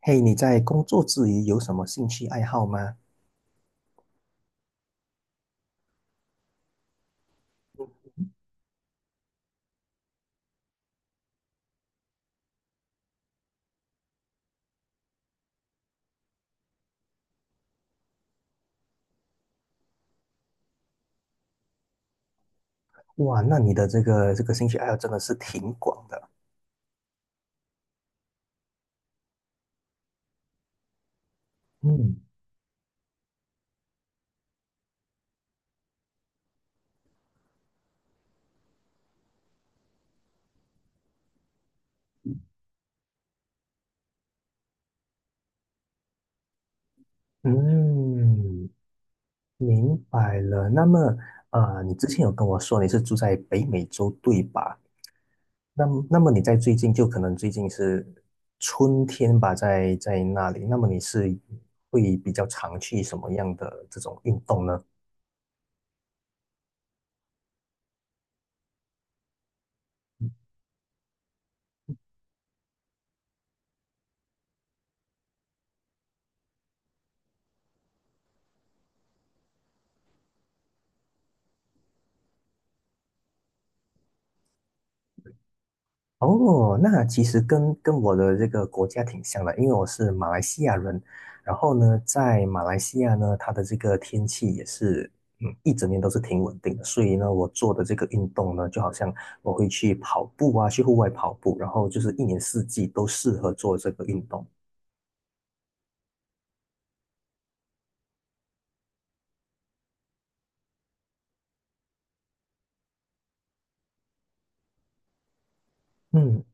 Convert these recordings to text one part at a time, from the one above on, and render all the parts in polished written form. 嘿，你在工作之余有什么兴趣爱好吗？哇，那你的这个兴趣爱好真的是挺广的。嗯嗯，明白了。那么，啊，你之前有跟我说你是住在北美洲，对吧？那么你在最近就可能最近是春天吧，在那里，那么你是会比较常去什么样的这种运动呢？哦，那其实跟我的这个国家挺像的，因为我是马来西亚人。然后呢，在马来西亚呢，它的这个天气也是，一整年都是挺稳定的。所以呢，我做的这个运动呢，就好像我会去跑步啊，去户外跑步，然后就是一年四季都适合做这个运动。嗯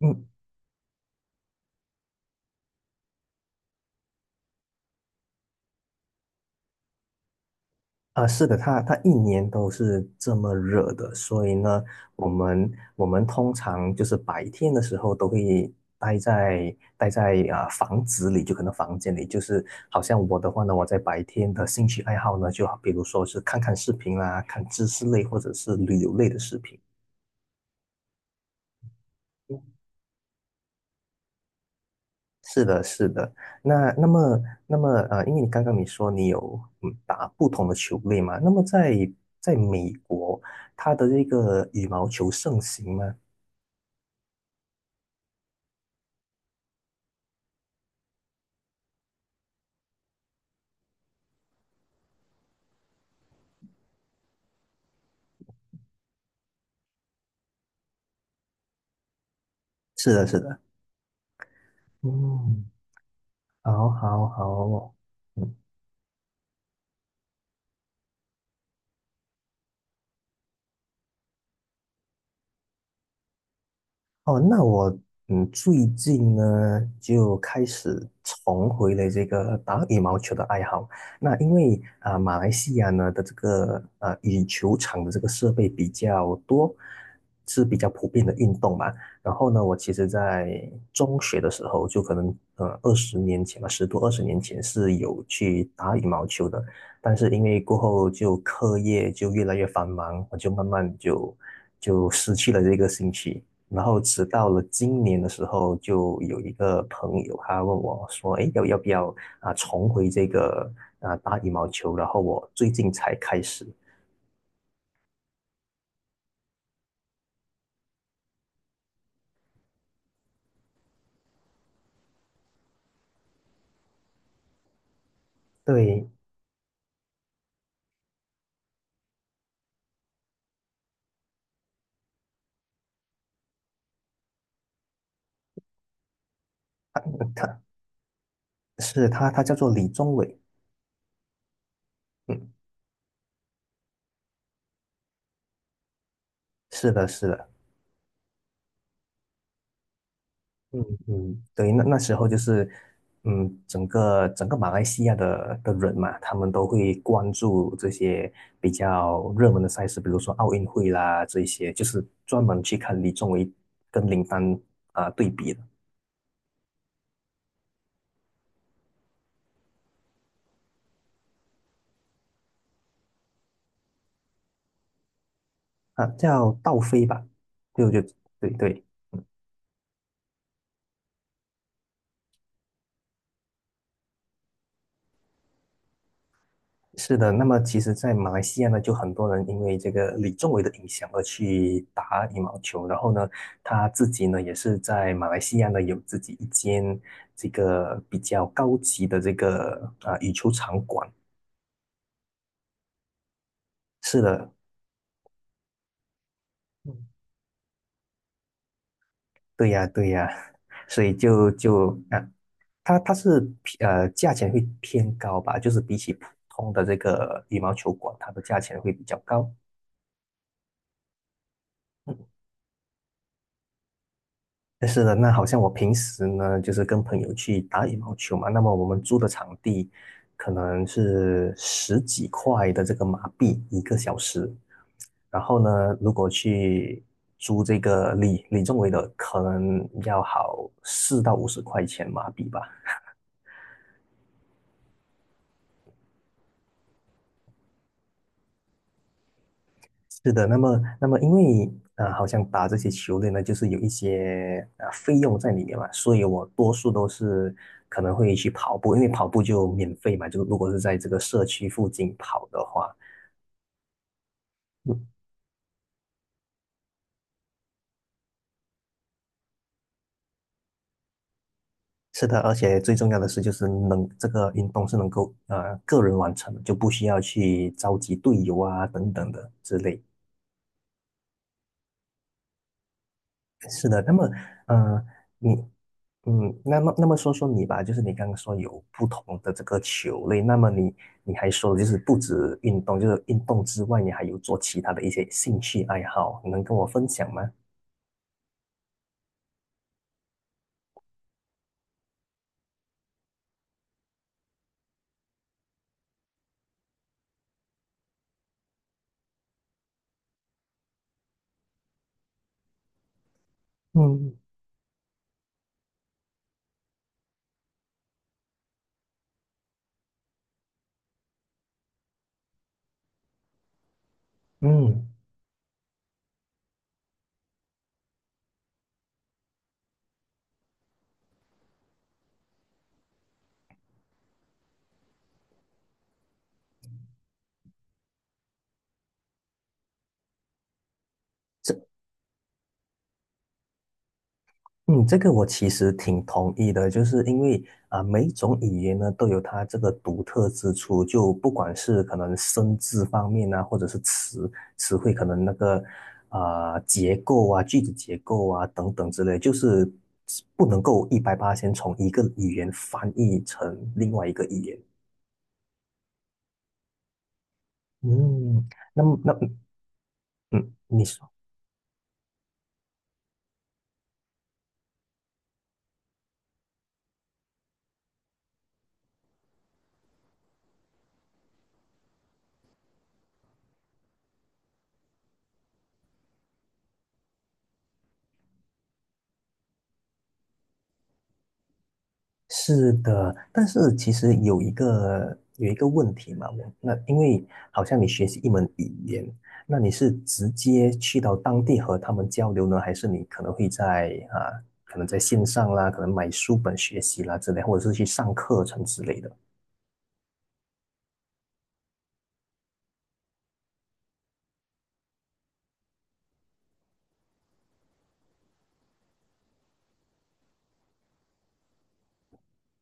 嗯，啊，是的，它一年都是这么热的，所以呢，我们我们通常就是白天的时候都会待在啊、房子里，就可能房间里，就是好像我的话呢，我在白天的兴趣爱好呢，就比如说是看看视频啦，看知识类或者是旅游类的视频。是的，是的。那那么，因为你刚刚你说你有打不同的球类嘛，那么在美国，它的这个羽毛球盛行吗？是的，是的。嗯，好，好哦，好。哦，那我最近呢就开始重回了这个打羽毛球的爱好。那因为啊、马来西亚呢的这个羽球场的这个设备比较多，是比较普遍的运动嘛。然后呢，我其实在中学的时候，就可能二十年前吧，十多二十年前是有去打羽毛球的，但是因为过后就课业就越来越繁忙，我就慢慢就失去了这个兴趣。然后直到了今年的时候，就有一个朋友他问我说："哎，要不要啊重回这个啊打羽毛球？"然后我最近才开始。对，他是他，他叫做李宗伟。嗯，是的，是的。嗯嗯，对，那时候就是，嗯，整个马来西亚的人嘛，他们都会关注这些比较热门的赛事，比如说奥运会啦，这一些就是专门去看李宗伟跟林丹啊、对比的。啊，叫道飞吧，对，我觉得对对，是的。那么其实，在马来西亚呢，就很多人因为这个李宗伟的影响而去打羽毛球，然后呢，他自己呢也是在马来西亚呢有自己一间这个比较高级的这个啊、羽球场馆。是的，嗯，对呀对呀，所以就啊，它是偏价钱会偏高吧，就是比起普通的这个羽毛球馆，它的价钱会比较高。嗯但是呢，那好像我平时呢，就是跟朋友去打羽毛球嘛。那么我们租的场地可能是十几块的这个马币一个小时。然后呢，如果去租这个李宗伟的，可能要好四到五十块钱马币吧。是的，那么，因为啊，好像打这些球类呢，就是有一些费用在里面嘛，所以我多数都是可能会去跑步，因为跑步就免费嘛，就如果是在这个社区附近跑的话，嗯，是的，而且最重要的是就是能这个运动是能够个人完成的，就不需要去召集队友啊等等的之类。是的，那么嗯，你嗯，那么说说你吧，就是你刚刚说有不同的这个球类，那么你还说就是不止运动，就是运动之外，你还有做其他的一些兴趣爱好，你能跟我分享吗？嗯。嗯，这嗯，这个我其实挺同意的，就是因为啊、每一种语言呢都有它这个独特之处，就不管是可能生字方面啊，或者是词汇，可能那个啊、结构啊、句子结构啊等等之类，就是不能够一百八先从一个语言翻译成另外一个语言。嗯，那么那嗯，你说。是的，但是其实有一个问题嘛，我那因为好像你学习一门语言，那你是直接去到当地和他们交流呢，还是你可能会在啊，可能在线上啦，可能买书本学习啦之类，或者是去上课程之类的？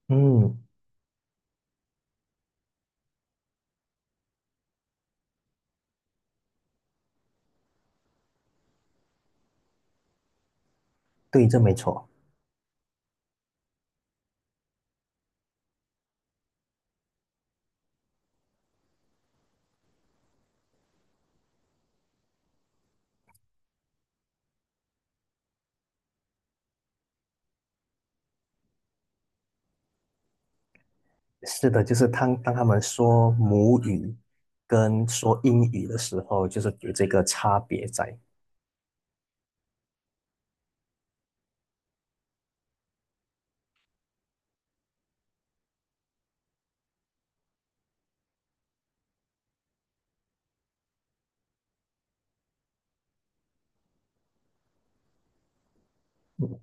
嗯，对，这没错。是的，就是当他们说母语跟说英语的时候，就是有这个差别在，嗯，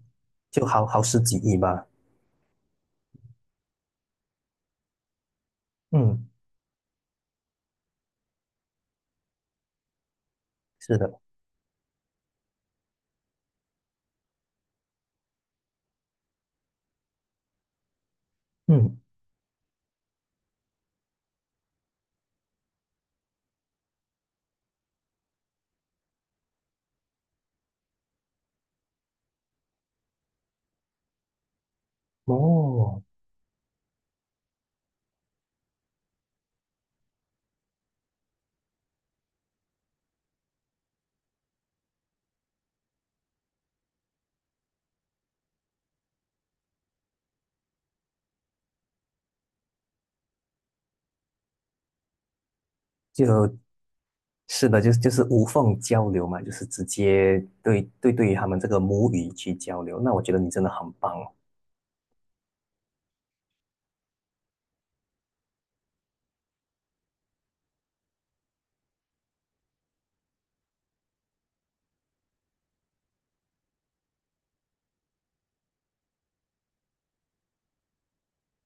就好十几亿吧。嗯，是的。嗯。哦，就是的，就是无缝交流嘛，就是直接对于他们这个母语去交流。那我觉得你真的很棒哦。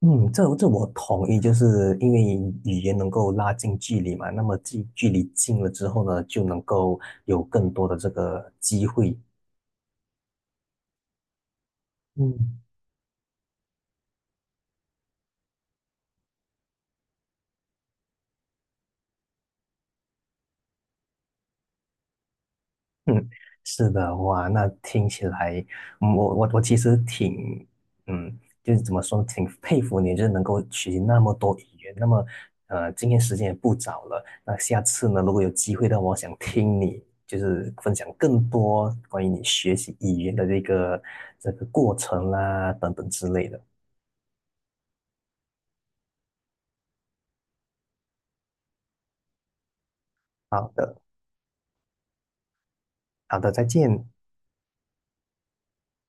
嗯，这我同意，就是因为语言能够拉近距离嘛，那么距离近了之后呢，就能够有更多的这个机会。嗯，嗯，是的，哇，那听起来，我其实挺，就是怎么说，挺佩服你，就是能够学习那么多语言。那么，今天时间也不早了，那下次呢，如果有机会的话，我想听你就是分享更多关于你学习语言的这个过程啦，等等之类的。好的，好的，再见。